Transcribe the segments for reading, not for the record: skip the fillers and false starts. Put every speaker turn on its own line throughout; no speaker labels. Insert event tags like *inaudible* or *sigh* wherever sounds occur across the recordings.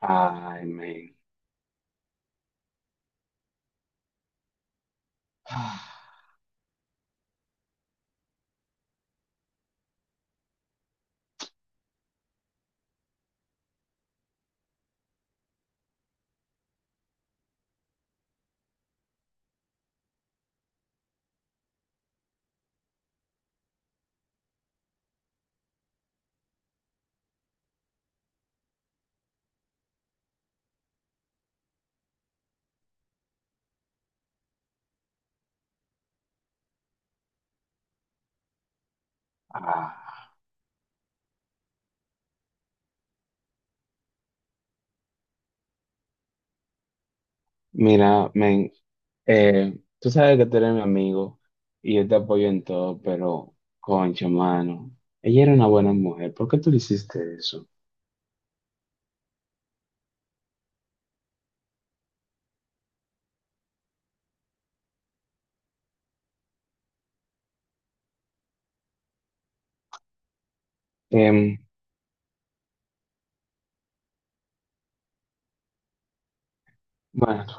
Ay, men. Ah, mira, men, tú sabes que tú eres mi amigo y yo te apoyo en todo, pero, concha, mano, ella era una buena mujer. ¿Por qué tú le hiciste eso? Em, bueno,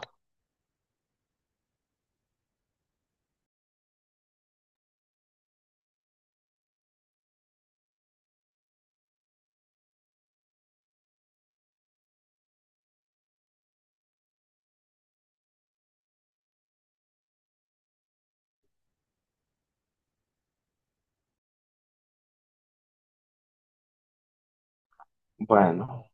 bueno,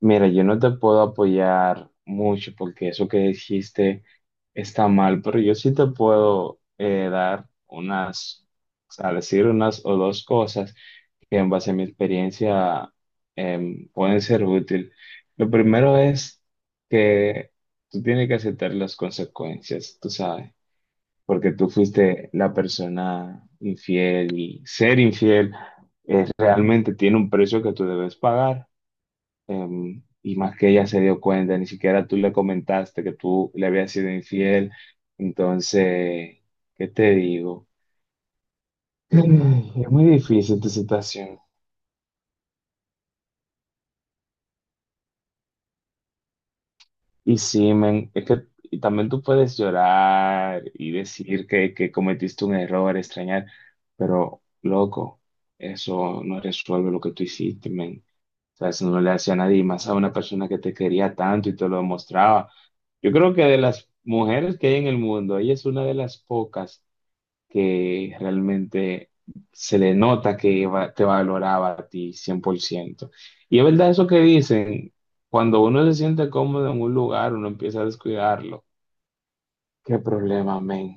mira, yo no te puedo apoyar mucho porque eso que dijiste está mal, pero yo sí te puedo dar unas, o sea, decir unas o dos cosas que en base a mi experiencia pueden ser útil. Lo primero es que tú tienes que aceptar las consecuencias, tú sabes, porque tú fuiste la persona infiel y ser infiel realmente tiene un precio que tú debes pagar. Y más que ella se dio cuenta, ni siquiera tú le comentaste que tú le habías sido infiel. Entonces, ¿qué te digo? *clears throat* *sighs* Es muy difícil tu situación. Y sí, men, es que y también tú puedes llorar y decir que cometiste un error, extrañar, pero loco, eso no resuelve lo que tú hiciste, men. O sea, eso no le hace a nadie, y más a una persona que te quería tanto y te lo demostraba. Yo creo que de las mujeres que hay en el mundo, ella es una de las pocas que realmente se le nota que te valoraba a ti 100%. Y es verdad eso que dicen, cuando uno se siente cómodo en un lugar, uno empieza a descuidarlo. ¿Qué problema, men?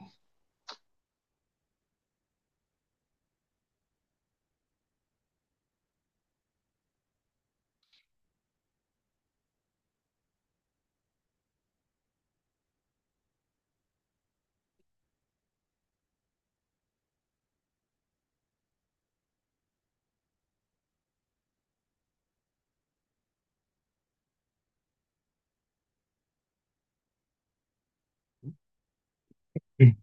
Mm.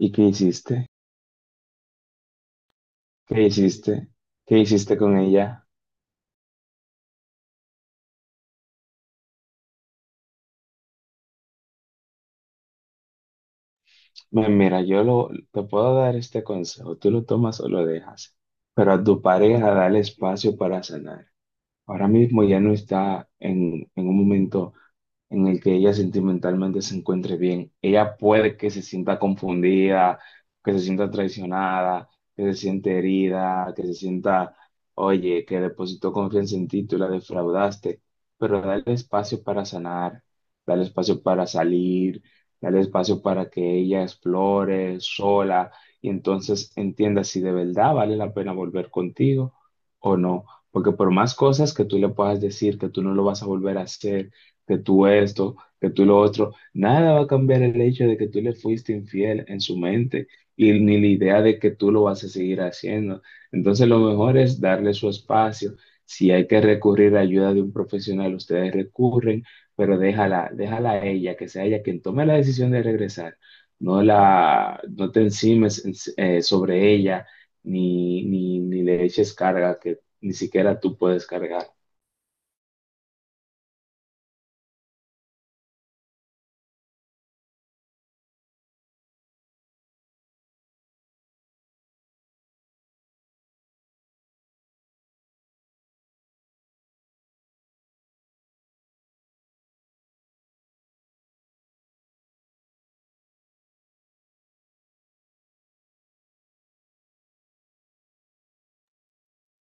¿Y qué hiciste? ¿Qué hiciste? ¿Qué hiciste con ella? Mira, te puedo dar este consejo, tú lo tomas o lo dejas, pero a tu pareja dale espacio para sanar. Ahora mismo ya no está en un momento en el que ella sentimentalmente se encuentre bien. Ella puede que se sienta confundida, que se sienta traicionada, que se siente herida, que se sienta, oye, que depositó confianza en ti, tú la defraudaste, pero dale espacio para sanar, dale espacio para salir, dale espacio para que ella explore sola y entonces entienda si de verdad vale la pena volver contigo o no. Porque por más cosas que tú le puedas decir, que tú no lo vas a volver a hacer, que tú esto, que tú lo otro, nada va a cambiar el hecho de que tú le fuiste infiel en su mente y ni la idea de que tú lo vas a seguir haciendo. Entonces lo mejor es darle su espacio. Si hay que recurrir a ayuda de un profesional, ustedes recurren, pero déjala, déjala a ella, que sea ella quien tome la decisión de regresar. No te encimes sobre ella ni le eches carga que ni siquiera tú puedes cargar.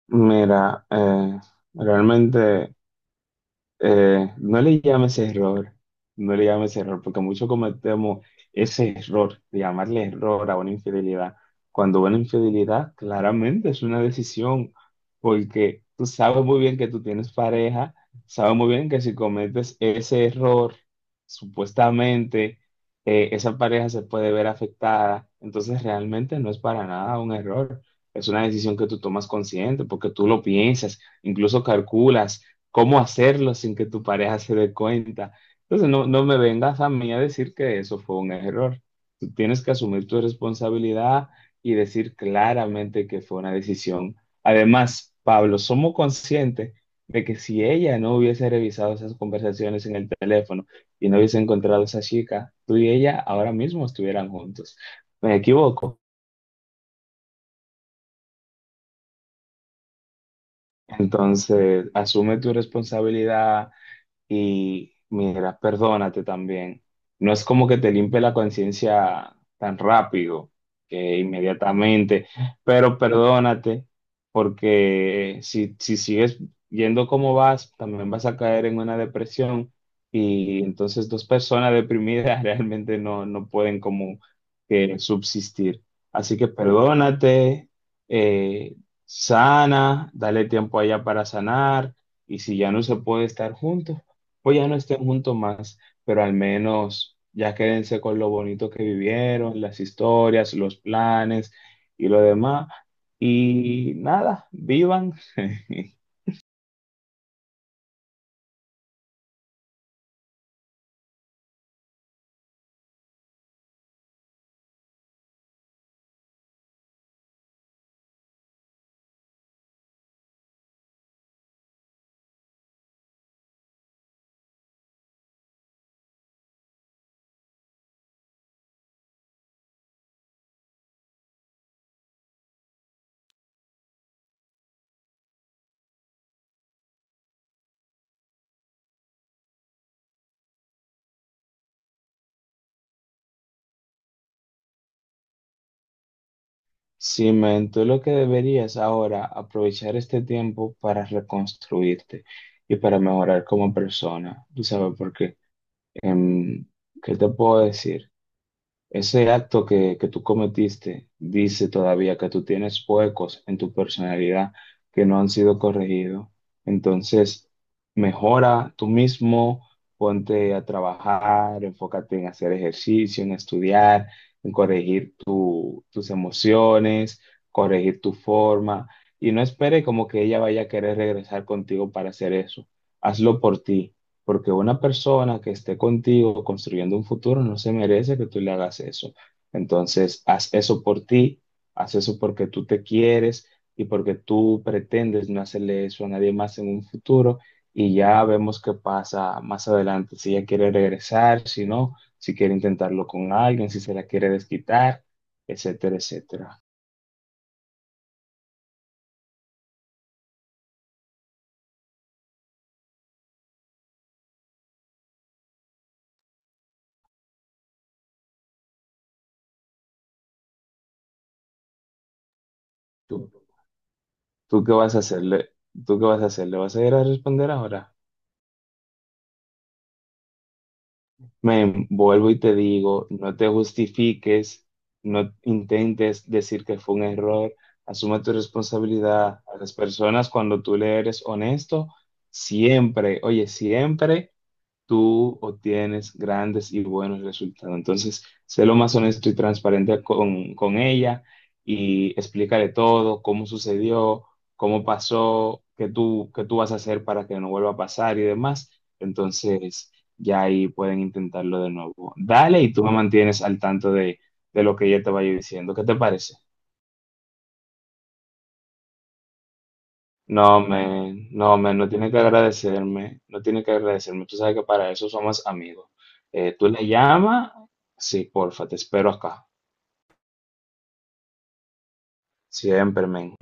Mira, realmente no le llames error, no le llames error, porque muchos cometemos ese error de llamarle error a una infidelidad, cuando una infidelidad claramente es una decisión, porque tú sabes muy bien que tú tienes pareja, sabes muy bien que si cometes ese error, supuestamente esa pareja se puede ver afectada, entonces realmente no es para nada un error, es una decisión que tú tomas consciente, porque tú lo piensas, incluso calculas cómo hacerlo sin que tu pareja se dé cuenta. Entonces, no, no me vengas a mí a decir que eso fue un error. Tú tienes que asumir tu responsabilidad y decir claramente que fue una decisión. Además, Pablo, somos conscientes de que si ella no hubiese revisado esas conversaciones en el teléfono y no hubiese encontrado a esa chica, tú y ella ahora mismo estuvieran juntos. ¿Me equivoco? Entonces, asume tu responsabilidad, y mira, perdónate también. No es como que te limpie la conciencia tan rápido, que inmediatamente, pero perdónate, porque si sigues yendo como vas, también vas a caer en una depresión. Y entonces dos personas deprimidas *laughs* realmente no, no pueden como que subsistir. Así que perdónate, eh, sana, dale tiempo allá para sanar. Y si ya no se puede estar juntos, pues ya no estén juntos más, pero al menos ya quédense con lo bonito que vivieron, las historias, los planes y lo demás. Y nada, vivan. *laughs* Sí, men, tú lo que deberías ahora aprovechar este tiempo para reconstruirte y para mejorar como persona. ¿Tú sabes por qué? Em, ¿qué te puedo decir? Ese acto que tú cometiste dice todavía que tú tienes huecos en tu personalidad que no han sido corregidos. Entonces, mejora tú mismo, ponte a trabajar, enfócate en hacer ejercicio, en estudiar, en corregir tus emociones, corregir tu forma. Y no espere como que ella vaya a querer regresar contigo para hacer eso. Hazlo por ti. Porque una persona que esté contigo construyendo un futuro no se merece que tú le hagas eso. Entonces, haz eso por ti, haz eso porque tú te quieres y porque tú pretendes no hacerle eso a nadie más en un futuro. Y ya vemos qué pasa más adelante, si ella quiere regresar, si no, si quiere intentarlo con alguien, si se la quiere desquitar, etcétera, etcétera. ¿Tú, tú qué vas a hacerle? ¿Tú qué vas a hacer? ¿Le vas a ir a responder ahora? Men, vuelvo y te digo, no te justifiques, no intentes decir que fue un error, asume tu responsabilidad a las personas cuando tú le eres honesto, siempre, oye, siempre tú obtienes grandes y buenos resultados. Entonces, sé lo más honesto y transparente con ella y explícale todo, cómo sucedió, cómo pasó, qué tú vas a hacer para que no vuelva a pasar y demás. Entonces, ya ahí pueden intentarlo de nuevo. Dale y tú me mantienes al tanto de, lo que ella te vaya diciendo. ¿Qué te parece? No, men, no, men, no tiene que agradecerme, no tiene que agradecerme. Tú sabes que para eso somos amigos. Tú le llamas, sí, porfa, te espero acá. Siempre, men.